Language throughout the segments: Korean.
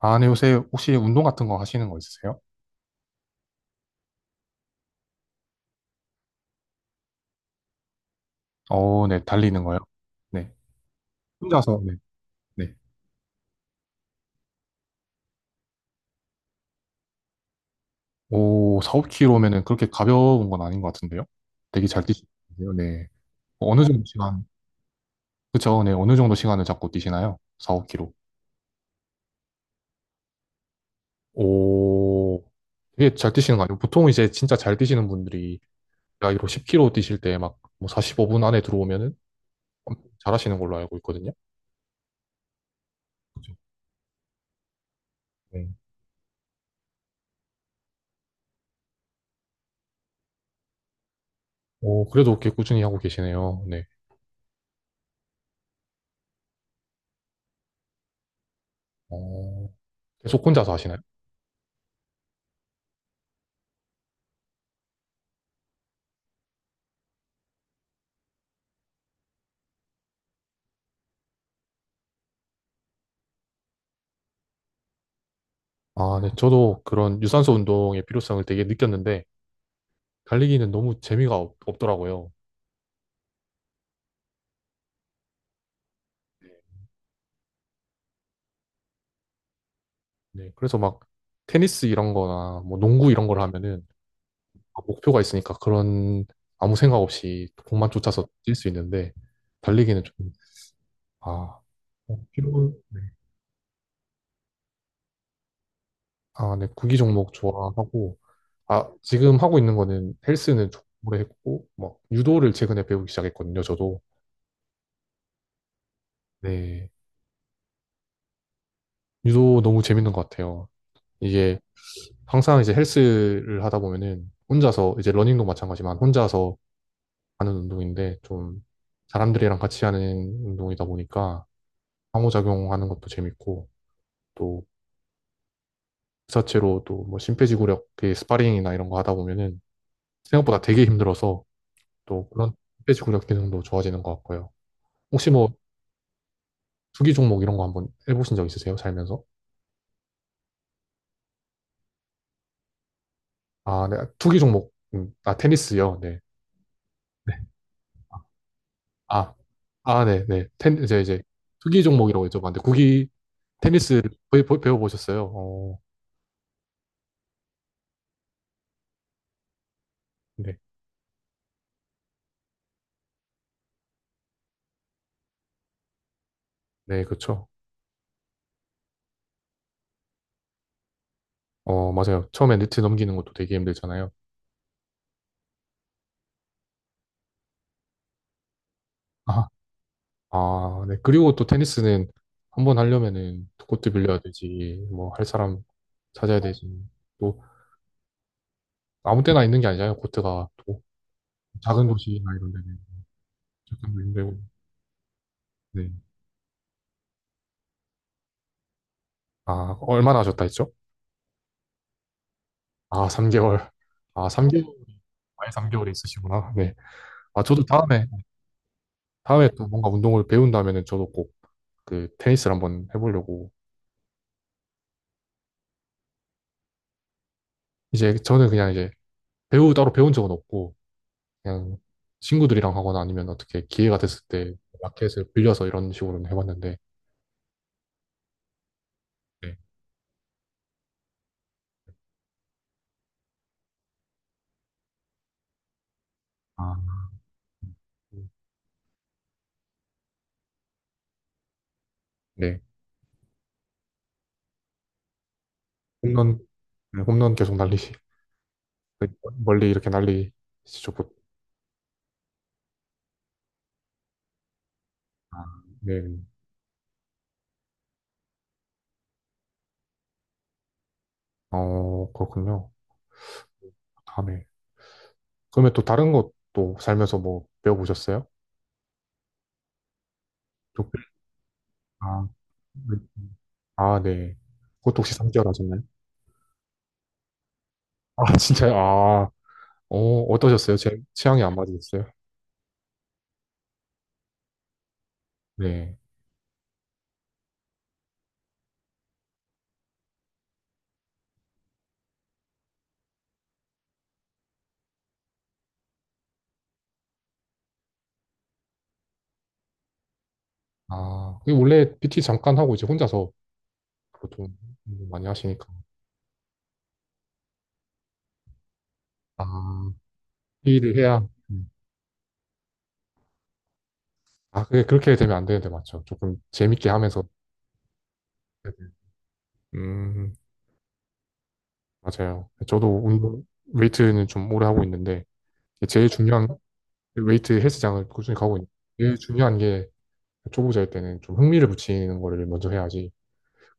아, 네, 요새 혹시 운동 같은 거 하시는 거 있으세요? 어, 네, 달리는 거요? 네. 혼자서, 네, 네. 오, 4, 5km면은 그렇게 가벼운 건 아닌 것 같은데요? 되게 잘 뛰시는데요, 네. 어느 정도 시간, 그쵸, 네, 어느 정도 시간을 잡고 뛰시나요? 4, 5km. 오, 되게 잘 뛰시는 거 아니에요? 보통 이제 진짜 잘 뛰시는 분들이 나이로 10km 뛰실 때 막 뭐 45분 안에 들어오면은 엄청 잘하시는 걸로 알고 있거든요. 그죠. 네. 오, 그래도 꽤 꾸준히 하고 계시네요, 네. 어, 계속 혼자서 하시나요? 아, 네. 저도 그런 유산소 운동의 필요성을 되게 느꼈는데, 달리기는 너무 재미가 없, 없더라고요. 네. 그래서 막 테니스 이런 거나 뭐 농구 이런 걸 하면은 아, 목표가 있으니까 그런 아무 생각 없이 공만 쫓아서 뛸 수 있는데, 달리기는 좀, 아, 필요, 네. 아, 네. 구기 종목 좋아하고, 아, 지금 하고 있는 거는 헬스는 좀 오래 했고, 막 유도를 최근에 배우기 시작했거든요, 저도. 네. 유도 너무 재밌는 것 같아요. 이게 항상 이제 헬스를 하다 보면은 혼자서 이제 러닝도 마찬가지만 혼자서 하는 운동인데 좀 사람들이랑 같이 하는 운동이다 보니까 상호작용하는 것도 재밌고 또 그 자체로 또 뭐 심폐지구력 그 스파링이나 이런 거 하다 보면은 생각보다 되게 힘들어서 또 그런 심폐지구력 기능도 좋아지는 것 같고요. 혹시 뭐 투기 종목 이런 거 한번 해보신 적 있으세요? 살면서? 아, 네. 투기 종목. 아, 테니스요. 네. 네. 아, 아, 네, 네. 텐, 이제, 이제, 투기 종목이라고 여쭤봤는데, 구기 테니스 배워보셨어요? 어, 네. 네, 그렇죠. 어, 맞아요. 처음에 네트 넘기는 것도 되게 힘들잖아요. 아, 아, 네. 그리고 또 테니스는 한 번 하려면은 코트 빌려야 되지, 뭐 할 사람 찾아야 되지. 또 아무 때나 있는 게 아니잖아요. 코트가 또 작은 도시나 이런 데는 접근도 힘들고. 네. 아, 얼마나 하셨다 했죠? 아, 3개월. 아, 3개월. 아예 3개월이 있으시구나. 네. 아, 저도 다음에, 다음에 또 뭔가 운동을 배운다면은 저도 꼭 그 테니스를 한번 해보려고 이제 저는 그냥 이제 배우 따로 배운 적은 없고 그냥 친구들이랑 하거나 아니면 어떻게 기회가 됐을 때 마켓을 빌려서 이런 식으로는 해봤는데 네. 아, 음, 네. 홈런 네, 홈런 계속 날리시 멀리 이렇게 날리시죠. 보- 아, 네. 어 그렇군요. 다음에 그러면 또 다른 것도 살면서 뭐 배워보셨어요? 독- 아, 네. 아, 네. 그것도 혹시 3개월 하셨나요? 아, 진짜요? 아, 어, 어떠셨어요? 제 취향이 안 맞으셨어요? 네. 아, 그게 원래 PT 잠깐 하고 이제 혼자서 보통 많이 하시니까. 아, 일을를 해야. 음. 아, 그게 그렇게 되면 안 되는데, 맞죠. 조금 재밌게 하면서. 해야 돼요. 음, 맞아요. 저도 운동, 웨이트는 좀 오래 하고 있는데, 제일 중요한, 웨이트 헬스장을 꾸준히 가고 있는데, 제일 중요한 게 초보자일 때는 좀 흥미를 붙이는 거를 먼저 해야지.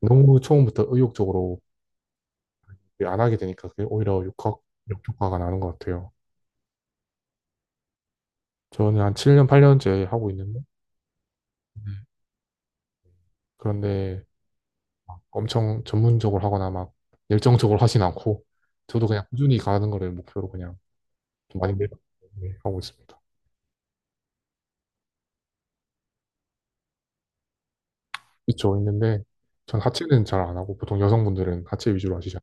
너무 처음부터 의욕적으로 안 하게 되니까 그게 오히려 역학, 역효과가 나는 것 같아요. 저는 한 7년, 8년째 하고 있는데, 네. 그런데 엄청 전문적으로 하거나 막 열정적으로 하진 않고 저도 그냥 꾸준히 가는 거를 목표로 그냥 좀 많이 늘- 네, 하고 있습니다. 있죠, 있는데 전 하체는 잘 안 하고 보통 여성분들은 하체 위주로 하시잖아요.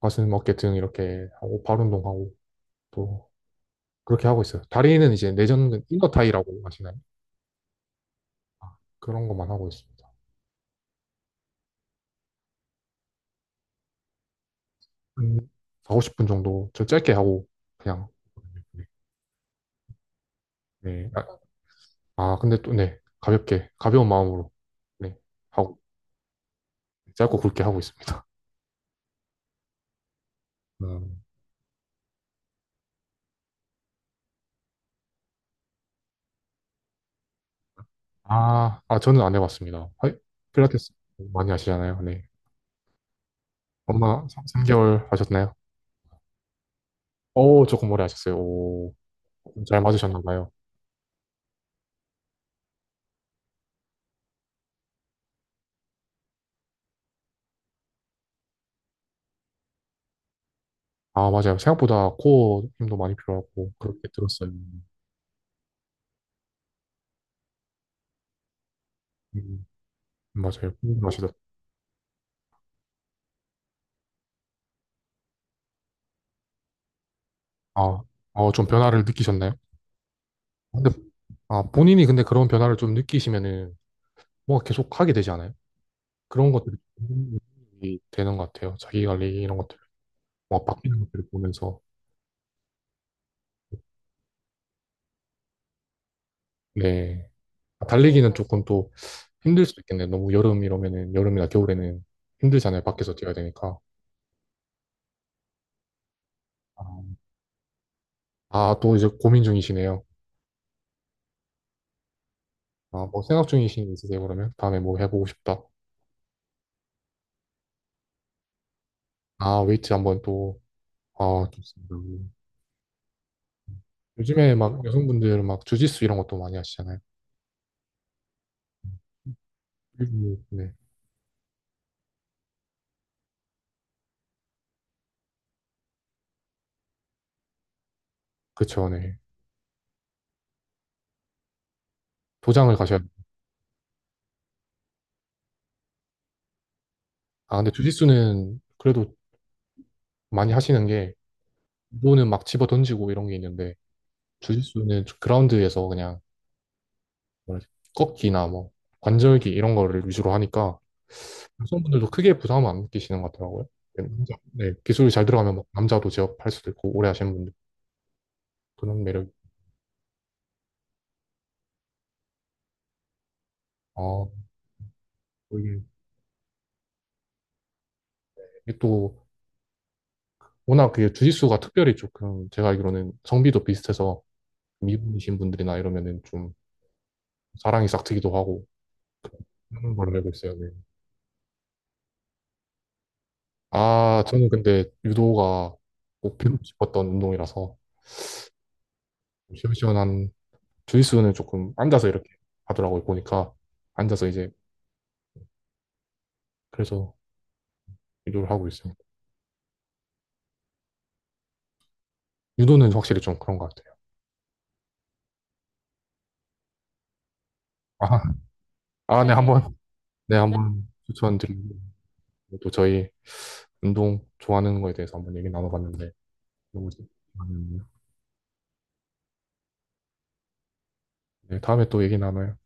가슴, 어깨 등 이렇게 하고 발 운동하고 또 그렇게 하고 있어요. 다리는 이제 내전 인거타이라고 하시나요? 아, 그런 것만 하고 있습니다. 한 4, 50분 정도 저 짧게 하고 그냥 네. 네. 아, 아, 근데 또 네. 가볍게 가벼운 마음으로 네. 하고 짧고 굵게 하고 있습니다. 음. 아, 아, 저는 안 해봤습니다. 하이, 필라테스 많이 하시잖아요. 네. 얼마, 3, 개월 하셨나요? 오, 조금 오래 하셨어요. 오, 잘 맞으셨나 봐요. 아, 맞아요. 생각보다 코어 힘도 많이 필요하고, 그렇게 들었어요. 음, 맞아요. 궁금하시다. 아, 좀 변화를 느끼셨나요? 근데, 아, 본인이 근데 그런 변화를 좀 느끼시면은, 뭔가 계속 하게 되지 않아요? 그런 것들이 좀 도움이 되는 것 같아요. 자기 관리 이런 것들, 뭐 바뀌는 것들을 보면서. 네. 달리기는 조금 또 힘들 수도 있겠네. 너무 여름 이러면은, 여름이나 겨울에는 힘들잖아요. 밖에서 뛰어야 되니까. 아, 아, 또 이제 고민 중이시네요. 아, 뭐 생각 중이신 게 있으세요, 그러면? 다음에 뭐 해보고 싶다. 아, 웨이트 한번 또, 아, 좋습니다. 요즘에 막 여성분들 막 주짓수 이런 것도 많이 하시잖아요. 네. 그쵸, 네. 도장을 가셔야, 아, 근데 주짓수는 그래도 많이 하시는 게, 운동은 막 집어 던지고 이런 게 있는데, 주짓수는 그라운드에서 그냥 뭐라 해야 되지? 꺾기나 뭐, 관절기 이런 거를 위주로 하니까, 여성분들도 크게 부담을 안 느끼시는 것 같더라고요. 네, 남자, 네, 기술이 잘 들어가면 막 남자도 제압할 수도 있고 오래 하시는 분들 그런 매력이. 아, 또 이게 이게 또 워낙 그 주짓수가 특별히 조금 제가 알기로는 성비도 비슷해서 미분이신 분들이나 이러면은 좀 사랑이 싹 트기도 하고 그런 걸로 알고 있어요. 네. 아, 저는 근데 유도가 꼭 배우고 싶었던 운동이라서 시원시원한 주짓수는 조금 앉아서 이렇게 하더라고요. 보니까 앉아서 이제 그래서 유도를 하고 있어요. 유도는 확실히 좀 그런 것 같아요. 아, 아, 네, 네네. 한번, 네, 네. 한번 추천드리고, 또 저희 운동 좋아하는 거에 대해서 한번 얘기 나눠봤는데, 너무 좋네요. 네, 다음에 또 얘기 나눠요.